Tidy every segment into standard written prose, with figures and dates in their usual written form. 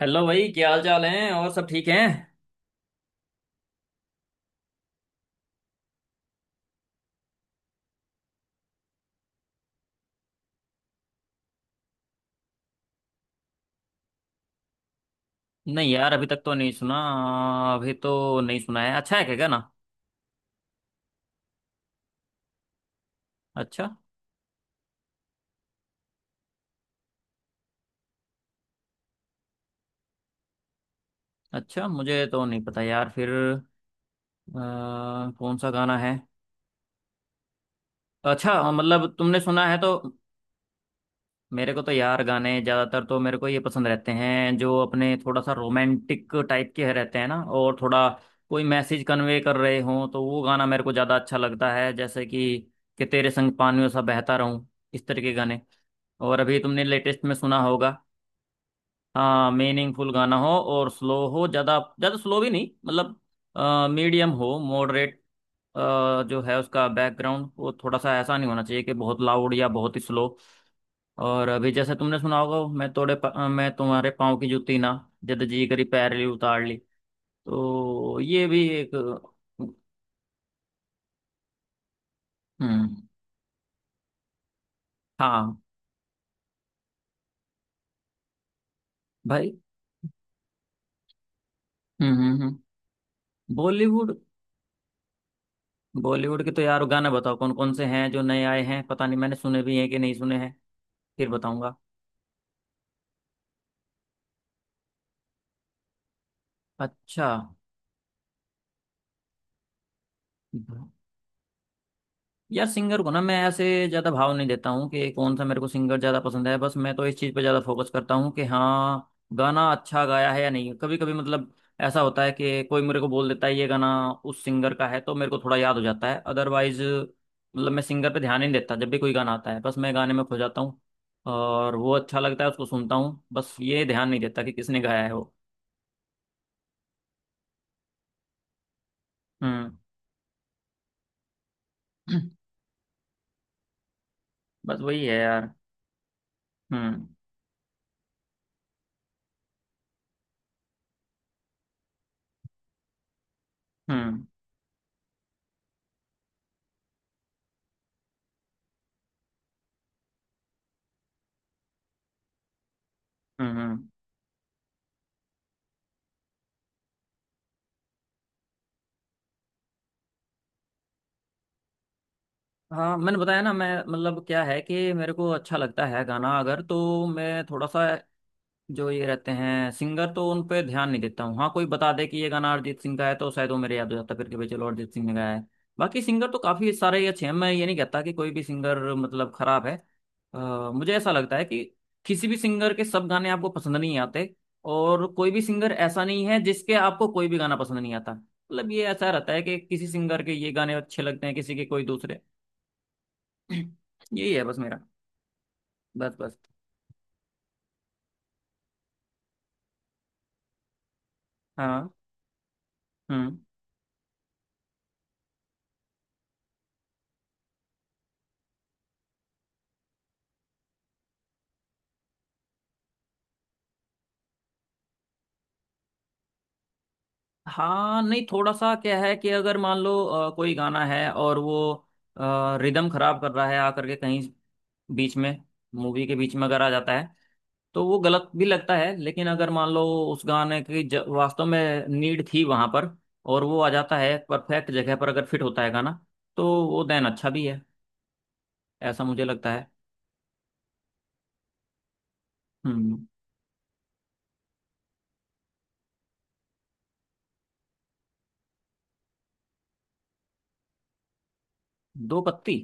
Hello भाई, क्या हाल चाल है? और सब ठीक हैं? नहीं यार, अभी तक तो नहीं सुना। अभी तो नहीं सुना है। अच्छा है क्या गाना? अच्छा अच्छा। मुझे तो नहीं पता यार। फिर कौन सा गाना है? अच्छा, मतलब तुमने सुना है तो। मेरे को तो यार गाने ज़्यादातर तो मेरे को ये पसंद रहते हैं जो अपने थोड़ा सा रोमांटिक टाइप के रहते हैं ना, और थोड़ा कोई मैसेज कन्वे कर रहे हों तो वो गाना मेरे को ज़्यादा अच्छा लगता है, जैसे कि तेरे संग पानियों सा बहता रहूं। इस तरह के गाने। और अभी तुमने लेटेस्ट में सुना होगा? हाँ, मीनिंगफुल गाना हो और स्लो हो। ज़्यादा ज़्यादा स्लो भी नहीं, मतलब मीडियम हो, मॉडरेट। जो है उसका बैकग्राउंड, वो थोड़ा सा ऐसा नहीं होना चाहिए कि बहुत लाउड या बहुत ही स्लो। और अभी जैसे तुमने सुना होगा, मैं तुम्हारे पाँव की जूती ना। जद जी करी पैर ली उतार ली। तो ये भी एक। हम्म। हाँ भाई। हम्म। बॉलीवुड बॉलीवुड के तो यार गाने बताओ कौन कौन से हैं जो नए आए हैं। पता नहीं मैंने सुने भी हैं कि नहीं सुने हैं। फिर बताऊंगा। अच्छा। यार सिंगर को ना मैं ऐसे ज्यादा भाव नहीं देता हूँ कि कौन सा मेरे को सिंगर ज्यादा पसंद है। बस मैं तो इस चीज पे ज्यादा फोकस करता हूँ कि हाँ, गाना अच्छा गाया है या नहीं। कभी कभी मतलब ऐसा होता है कि कोई मेरे को बोल देता है ये गाना उस सिंगर का है, तो मेरे को थोड़ा याद हो जाता है। अदरवाइज मतलब मैं सिंगर पे ध्यान ही नहीं देता। जब भी कोई गाना आता है बस मैं गाने में खो जाता हूँ, और वो अच्छा लगता है, उसको सुनता हूँ। बस ये ध्यान नहीं देता कि किसने गाया है वो। हम्म। बस वही है यार। हम्म हम्म हम्म। हम्म। हाँ, मैंने बताया ना। मैं मतलब क्या है कि मेरे को अच्छा लगता है गाना अगर, तो मैं थोड़ा सा जो ये रहते हैं सिंगर तो उन पे ध्यान नहीं देता हूँ। हाँ, कोई बता दे कि ये गाना अरिजीत सिंह का है, तो शायद वो मेरे याद हो जाता फिर कि भाई चलो अरिजीत सिंह ने गाया है। बाकी सिंगर तो काफ़ी सारे ही अच्छे हैं, मैं ये नहीं कहता कि कोई भी सिंगर मतलब खराब है। मुझे ऐसा लगता है कि किसी भी सिंगर के सब गाने आपको पसंद नहीं आते, और कोई भी सिंगर ऐसा नहीं है जिसके आपको कोई भी गाना पसंद नहीं आता। मतलब ये ऐसा रहता है कि किसी सिंगर के ये गाने अच्छे लगते हैं, किसी के कोई दूसरे। यही है बस मेरा। बस बस। हाँ। हम्म। हाँ नहीं, थोड़ा सा क्या है कि अगर मान लो कोई गाना है और वो रिदम खराब कर रहा है आकर के कहीं बीच में, मूवी के बीच में अगर आ जाता है, तो वो गलत भी लगता है। लेकिन अगर मान लो उस गाने की वास्तव में नीड थी वहां पर, और वो आ जाता है परफेक्ट जगह पर, अगर फिट होता है गाना, तो वो देन अच्छा भी है। ऐसा मुझे लगता है। हम्म। दो पत्ती।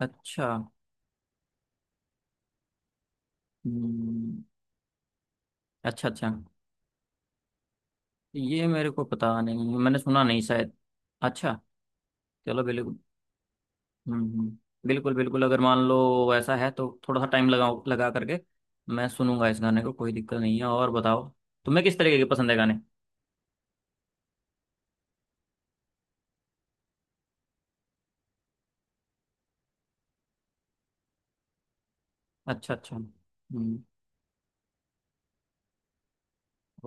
अच्छा। हम्म। अच्छा अच्छा, ये मेरे को पता नहीं, मैंने सुना नहीं शायद। अच्छा। चलो, बिल्कुल। हम्म हम्म, बिल्कुल बिल्कुल, अगर मान लो ऐसा है तो थोड़ा सा टाइम लगाओ। लगा करके मैं सुनूंगा इस गाने को, कोई दिक्कत नहीं है। और बताओ तुम्हें किस तरीके के पसंद है गाने? अच्छा अच्छा। हम्म।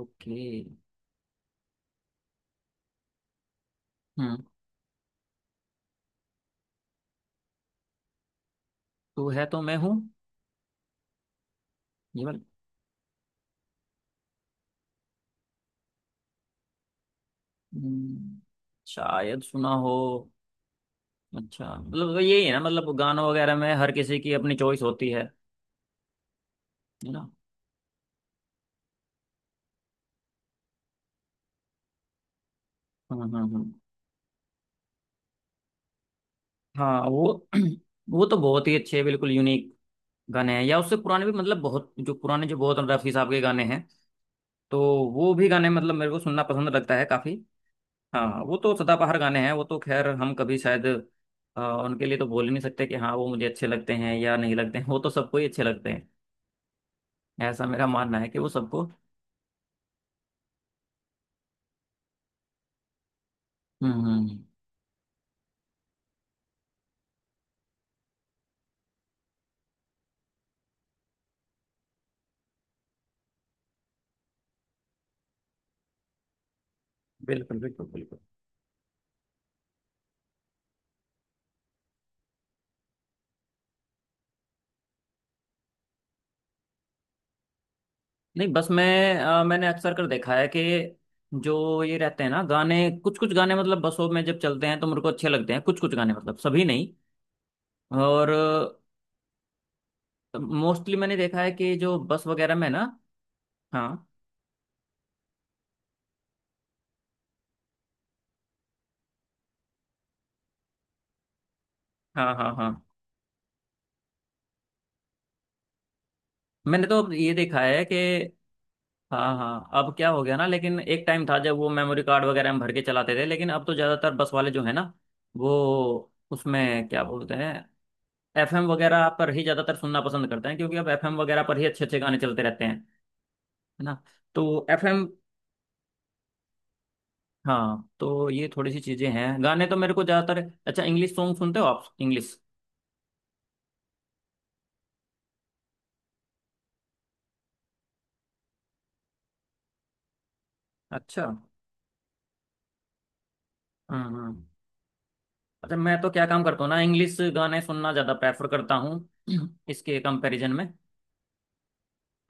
ओके। हम्म। तू है तो मैं हूँ। ये वाला? हम्म, शायद सुना हो। अच्छा मतलब यही है ना, मतलब गानों वगैरह में हर किसी की अपनी चॉइस होती है ना। हम्म। हाँ वो वो तो बहुत ही अच्छे, बिल्कुल यूनिक गाने हैं, या उससे पुराने भी, मतलब बहुत जो पुराने, जो बहुत रफी साहब के गाने हैं, तो वो भी गाने मतलब मेरे को सुनना पसंद लगता है काफी। हाँ वो तो सदाबहार गाने हैं। वो तो खैर हम कभी शायद उनके लिए तो बोल ही नहीं सकते कि हाँ वो मुझे अच्छे लगते हैं या नहीं लगते हैं। वो तो सबको ही अच्छे लगते हैं। ऐसा मेरा मानना है कि वो सबको। हम्म हम्म, बिल्कुल बिल्कुल बिल्कुल। नहीं बस मैं मैंने अक्सर कर देखा है कि जो ये रहते हैं ना गाने, कुछ कुछ गाने मतलब बसों में जब चलते हैं तो मेरे को अच्छे लगते हैं। कुछ कुछ गाने मतलब सभी नहीं। और मोस्टली मैंने देखा है कि जो बस वगैरह में ना। हाँ हाँ हाँ हाँ। मैंने तो ये देखा है कि, हाँ हाँ, अब क्या हो गया ना, लेकिन एक टाइम था जब वो मेमोरी कार्ड वगैरह में भर के चलाते थे, लेकिन अब तो ज़्यादातर बस वाले जो है ना वो उसमें क्या बोलते हैं, एफएम वगैरह पर ही ज़्यादातर सुनना पसंद करते हैं, क्योंकि अब एफएम वगैरह पर ही अच्छे अच्छे गाने चलते रहते हैं, है ना? तो एफएम। हाँ, तो ये थोड़ी सी चीज़ें हैं। गाने तो मेरे को ज़्यादातर। अच्छा, इंग्लिश सॉन्ग सुनते हो आप? इंग्लिश। अच्छा। हम्म। अच्छा, मैं तो क्या काम करता हूँ ना, इंग्लिश गाने सुनना ज़्यादा प्रेफर करता हूँ इसके कंपैरिजन में।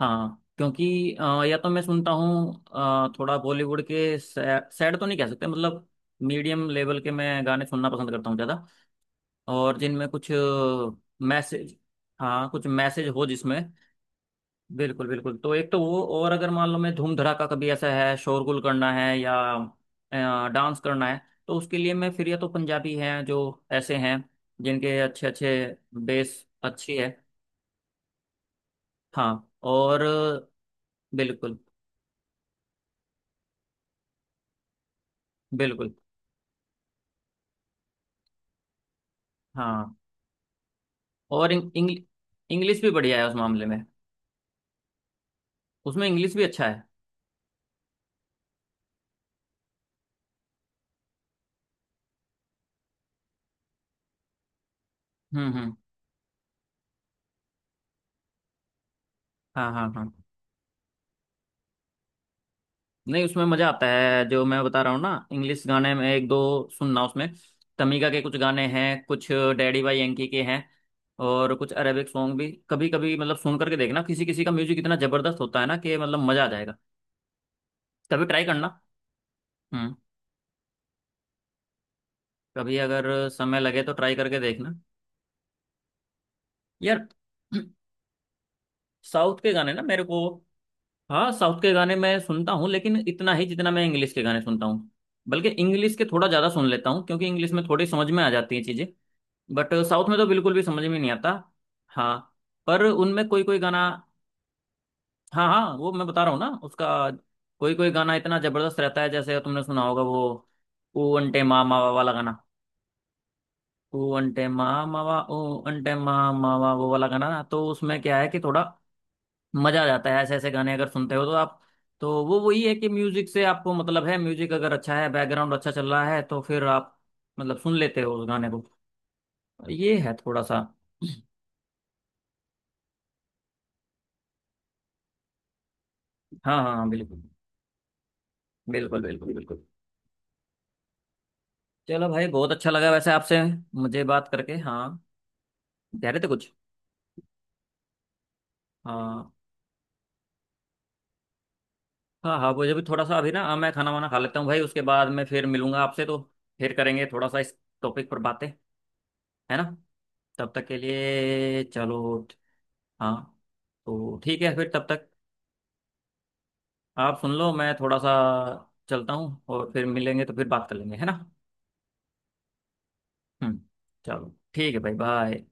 हाँ क्योंकि या तो मैं सुनता हूँ थोड़ा बॉलीवुड के सैड तो नहीं कह सकते, मतलब मीडियम लेवल के मैं गाने सुनना पसंद करता हूँ ज़्यादा, और जिनमें कुछ मैसेज। हाँ कुछ मैसेज हो जिसमें। बिल्कुल बिल्कुल, तो एक तो वो, और अगर मान लो मैं धूम धड़ाका कभी ऐसा है, शोरगुल करना है या डांस करना है, तो उसके लिए मैं फिर या तो पंजाबी हैं जो ऐसे हैं जिनके अच्छे अच्छे बेस अच्छी है। हाँ। और बिल्कुल बिल्कुल। हाँ और इंग, इंग, इंग्लिश भी बढ़िया है उस मामले में। उसमें इंग्लिश भी अच्छा है। हम्म। हाँ हाँ हाँ। नहीं उसमें मजा आता है, जो मैं बता रहा हूँ ना, इंग्लिश गाने में एक दो सुनना। उसमें तमीका के कुछ गाने हैं, कुछ डैडी भाई यांकी के हैं, और कुछ अरेबिक सॉन्ग भी। कभी कभी मतलब सुन करके देखना, किसी किसी का म्यूजिक इतना जबरदस्त होता है ना, कि मतलब मजा आ जाएगा। कभी ट्राई करना। हम्म। कभी अगर समय लगे तो ट्राई करके देखना। यार साउथ के गाने ना मेरे को, हाँ, साउथ के गाने मैं सुनता हूँ लेकिन इतना ही जितना मैं इंग्लिश के गाने सुनता हूँ। बल्कि इंग्लिश के थोड़ा ज्यादा सुन लेता हूँ क्योंकि इंग्लिश में थोड़ी समझ में आ जाती हैं चीजें, बट साउथ में तो बिल्कुल भी समझ में नहीं आता। हाँ पर उनमें कोई कोई गाना, हाँ हाँ, वो मैं बता रहा हूँ ना उसका, कोई कोई गाना इतना जबरदस्त रहता है, जैसे तुमने सुना होगा वो, ओ अंटे मा मावा वाला गाना। ओ अंटे मा मावा, ओ अंटे मा मावा, वो वाला गाना ना, तो उसमें क्या है कि थोड़ा मजा आ जाता है। ऐसे ऐसे गाने अगर सुनते हो तो आप, तो वो वही है कि म्यूजिक से आपको मतलब है, म्यूजिक अगर अच्छा है, बैकग्राउंड अच्छा चल रहा है, तो फिर आप मतलब सुन लेते हो उस गाने को। ये है थोड़ा सा। हाँ हाँ बिल्कुल बिल्कुल बिल्कुल बिल्कुल। चलो भाई, बहुत अच्छा लगा वैसे आपसे मुझे बात करके। हाँ, कह रहे थे कुछ? हाँ हाँ हाँ, मुझे भी थोड़ा सा अभी ना, हाँ, मैं खाना वाना खा लेता हूँ भाई, उसके बाद मैं फिर मिलूंगा आपसे, तो फिर करेंगे थोड़ा सा इस टॉपिक पर बातें, है ना? तब तक के लिए चलो। हाँ। तो ठीक है फिर, तब तक आप सुन लो, मैं थोड़ा सा चलता हूँ, और फिर मिलेंगे तो फिर बात कर लेंगे, है ना। हम्म। चलो ठीक है भाई, बाय।